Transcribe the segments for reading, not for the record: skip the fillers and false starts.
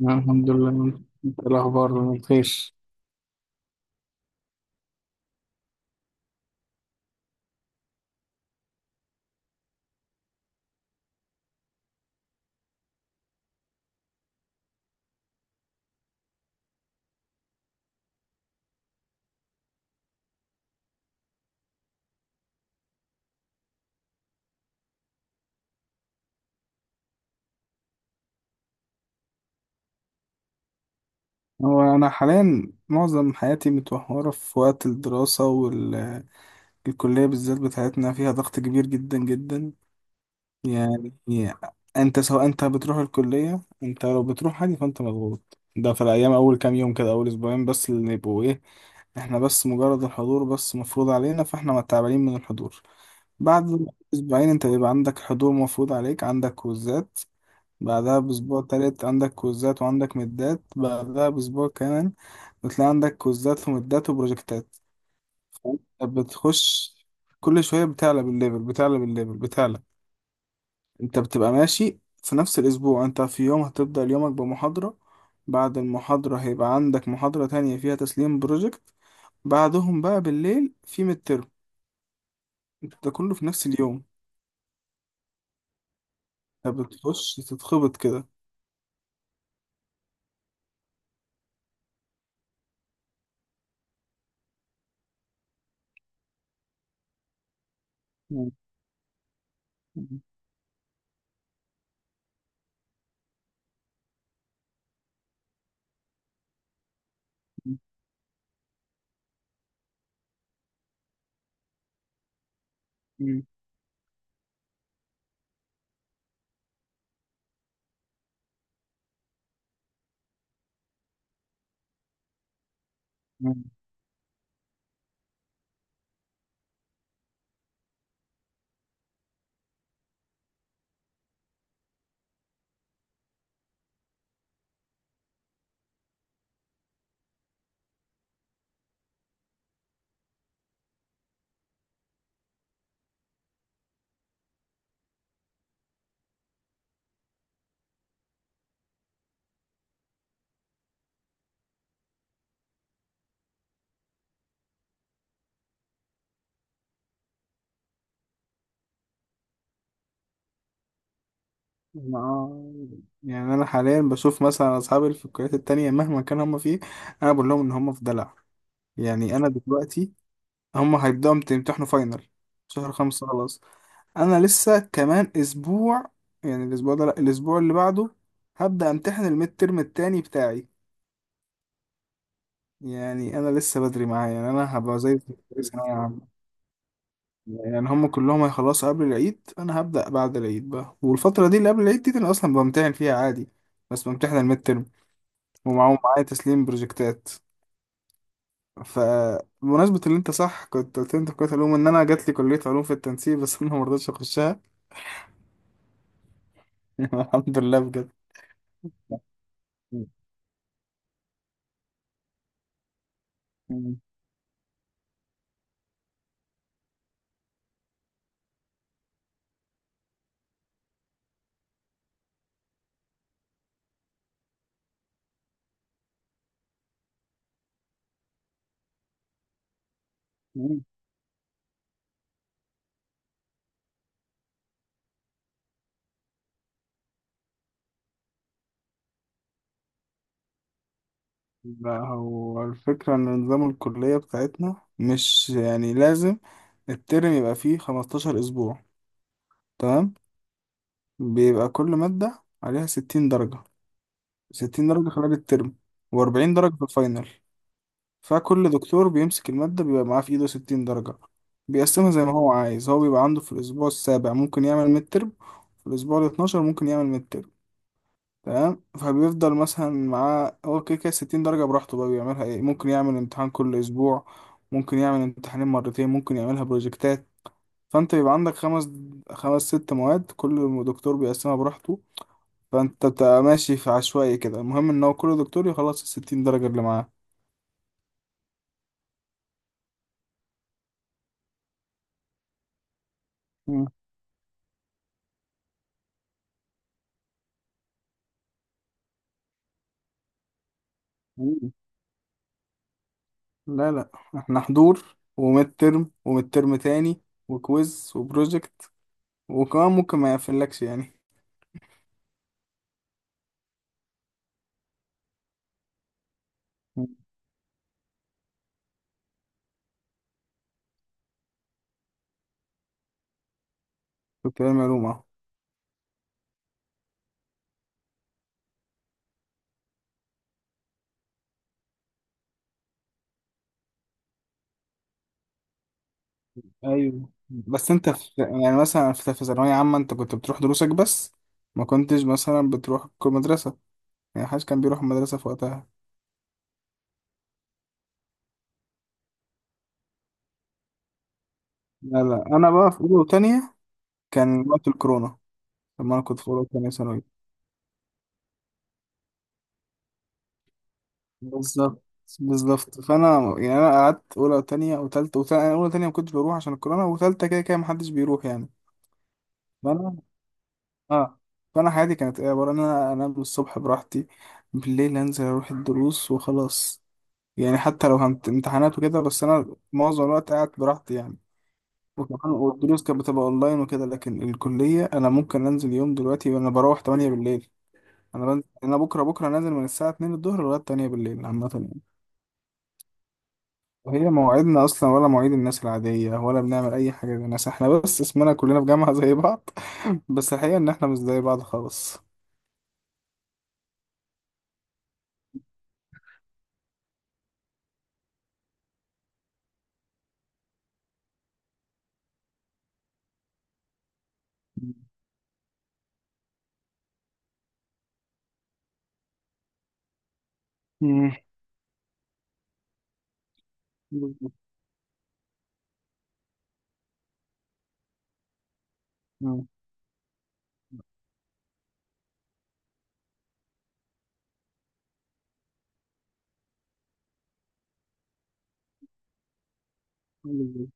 أنا الحمد لله. انت إيه الاخبار؟ بخير. هو انا حاليا معظم حياتي متوهره في وقت الدراسه والكليه، بالذات بتاعتنا فيها ضغط كبير جدا جدا. يعني انت سواء انت بتروح الكليه، انت لو بتروح حاجه فانت مضغوط. ده في الايام اول كام يوم كده، اول اسبوعين بس اللي يبقوا ايه، احنا بس مجرد الحضور بس مفروض علينا فاحنا تعبانين من الحضور. بعد اسبوعين انت بيبقى عندك حضور مفروض عليك، عندك كوزات. بعدها بأسبوع تالت عندك كوزات وعندك مدات. بعدها بأسبوع كمان بتلاقي عندك كوزات ومدات وبروجكتات. فأنت بتخش كل شوية بتعلى بالليفل، بتعلى بالليفل، بتعلى. انت بتبقى ماشي في نفس الأسبوع، انت في يوم هتبدأ يومك بمحاضرة، بعد المحاضرة هيبقى عندك محاضرة تانية فيها تسليم بروجكت، بعدهم بقى بالليل في مترم. انت ده كله في نفس اليوم. انت بتخش تتخبط كده. مم. آه، يعني انا حاليا بشوف مثلا اصحابي اللي في الكليات التانية مهما كان هم فيه، انا بقول لهم ان هم في دلع. يعني انا دلوقتي هم هيبداوا يمتحنوا فاينل شهر خمسة خلاص. انا لسه كمان اسبوع، يعني الاسبوع ده، لا الاسبوع اللي بعده هبدا امتحن الميد ترم التاني بتاعي. يعني انا لسه بدري معايا، يعني انا هبقى زي في ثانوية عامة. يعني هم كلهم هيخلصوا قبل العيد، انا هبدا بعد العيد بقى، والفترة دي اللي قبل العيد دي انا اصلا بمتحن فيها عادي، بس بمتحن الميد ترم ومعاهم معايا تسليم بروجكتات. فبمناسبة اللي انت صح كنت قلت لي انت في كلية علوم، ان انا جات لي كلية علوم في التنسيق بس انا مرضتش اخشها. الحمد لله بجد. لا هو الفكرة ان نظام الكلية بتاعتنا مش يعني لازم الترم يبقى فيه 15 اسبوع، تمام؟ بيبقى كل مادة عليها 60 درجة، 60 درجة خلال الترم و40 درجة في الفاينل. فكل دكتور بيمسك المادة بيبقى معاه في إيده ستين درجة، بيقسمها زي ما هو عايز. هو بيبقى عنده في الأسبوع السابع ممكن يعمل ميد ترم، في الأسبوع الاتناشر ممكن يعمل ميد ترم، تمام؟ فبيفضل مثلا معاه هو كده كده ستين درجة براحته، بقى بيعملها إيه؟ ممكن يعمل امتحان كل أسبوع، ممكن يعمل امتحانين مرتين، ممكن يعملها بروجكتات. فأنت بيبقى عندك خمس ست مواد، كل دكتور بيقسمها براحته. فأنت بتبقى ماشي في عشوائي كده، المهم إن هو كل دكتور يخلص الستين درجة اللي معاه. مم. لا لا، احنا حضور وميد ترم وميد ترم تاني وكويز وبروجكت، وكمان ممكن ما يقفلكش يعني. كنت بعمل معلومة أهو. ايوه بس انت في، يعني مثلا في، في ثانوية عامة انت كنت بتروح دروسك بس، ما كنتش مثلا بتروح كل مدرسة، يعني محدش كان بيروح المدرسة في وقتها. لا لا انا بقى في اولى وتانية كان وقت الكورونا. لما انا كنت في اولى وتانية ثانوي. بالظبط. بالظبط. فانا يعني انا قعدت اولى وتانية وتالتة، وتالتة اولى وتانية ما كنتش بروح عشان الكورونا، وتالتة كده كده محدش بيروح يعني. فانا، اه، فانا حياتي كانت ايه؟ عباره ان انا انام الصبح براحتي، بالليل انزل اروح الدروس وخلاص. يعني حتى لو امتحانات وكده بس انا معظم الوقت قاعد براحتي يعني. وكمان والدروس كانت بتبقى اونلاين وكده، لكن الكليه انا ممكن انزل يوم دلوقتي وانا بروح 8 بالليل. انا بنزل، انا بكره بكره نازل من الساعه 2 الظهر لغايه 8 بالليل عامه يعني. وهي مواعيدنا اصلا ولا مواعيد الناس العاديه، ولا بنعمل اي حاجه زي الناس، احنا بس اسمنا كلنا في جامعه زي بعض. بس الحقيقه ان احنا مش زي بعض خالص. مم. بالظبط. آه، بالظبط.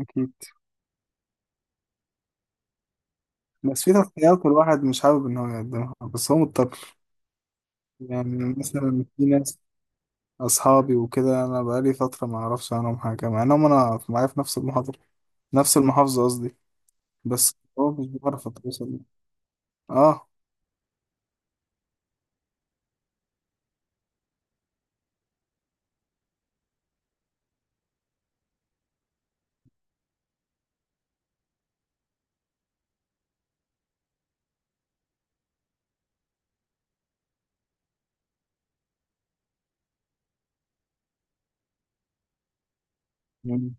أكيد. بس في تضحيات الواحد مش حابب إن هو يقدمها بس هو مضطر. يعني مثلا في ناس، أصحابي وكده، أنا بقالي فترة ما أعرفش عنهم حاجة مع إنهم أنا معايا في نفس المحاضرة، نفس المحافظة قصدي، بس هو مش بعرف أتواصل. آه. يعني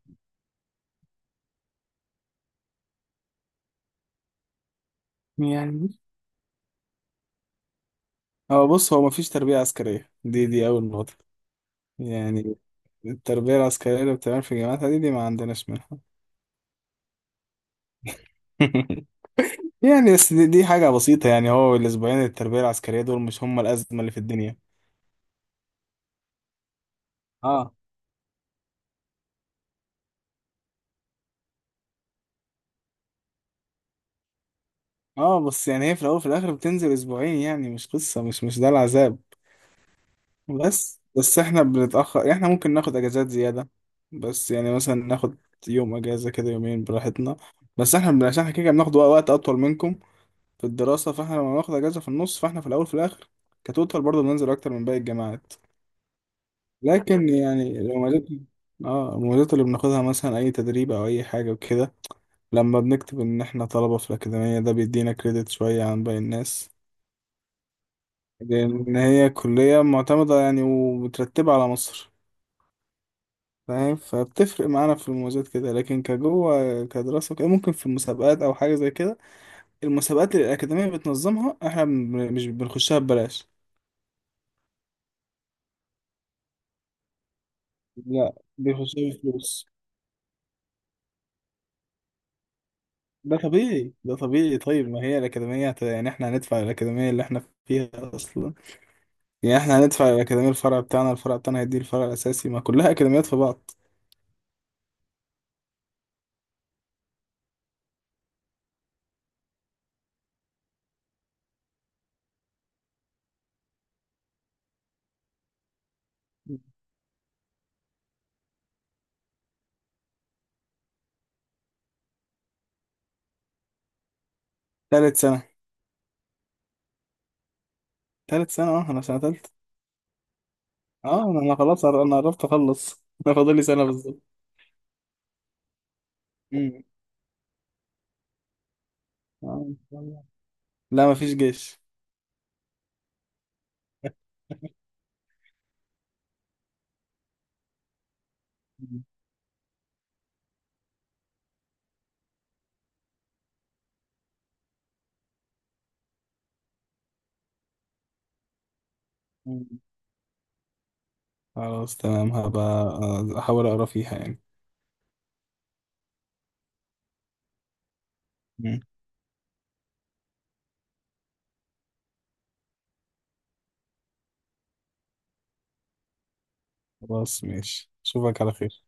يعني هو، بص، هو مفيش تربية عسكرية، دي أول نقطة. يعني التربية العسكرية اللي بتتعمل في جامعات دي، ما عندناش منها. يعني بس دي حاجة بسيطة، يعني هو الأسبوعين التربية العسكرية دول مش هم الأزمة اللي في الدنيا. اه. اه بس يعني هي في الاول وفي الاخر بتنزل اسبوعين، يعني مش قصه، مش ده العذاب. بس احنا بنتاخر، يعني احنا ممكن ناخد اجازات زياده. بس يعني مثلا ناخد يوم اجازه كده، يومين براحتنا. بس احنا عشان احنا كده بناخد وقت اطول منكم في الدراسه، فاحنا لما بناخد اجازه في النص فاحنا في الاول وفي الاخر كتوتال برضه بننزل اكتر من باقي الجامعات. لكن يعني المميزات، اه المميزات اللي بناخدها مثلا اي تدريب او اي حاجه وكده، لما بنكتب ان احنا طلبه في الاكاديميه ده بيدينا كريدت شويه عن باقي الناس، لأن هي كلية معتمدة يعني ومترتبة على مصر. فاهم؟ فبتفرق معانا في المميزات كده، لكن كجوه كدراسة وكده، ممكن في المسابقات أو حاجة زي كده، المسابقات اللي الأكاديمية بتنظمها إحنا مش بنخشها ببلاش. لا بيخشها بفلوس. ده طبيعي، ده طبيعي. طيب، ما هي الأكاديمية يعني إحنا هندفع الأكاديمية اللي إحنا فيها أصلا. يعني إحنا هندفع الأكاديمية، الفرع بتاعنا، الفرع بتاعنا هيدي الفرع الأساسي، ما كلها أكاديميات في بعض. تالت سنة. تالت سنة، اه أنا سنة تالتة. اه انا، انا عرفت اخلص. انا فاضل لي سنه بالظبط. مم. آه، إن شاء الله. لا مفيش جيش. مم. مم. خلاص تمام، هبقى احاول اقرا فيها يعني. مم. خلاص ماشي، اشوفك على خير.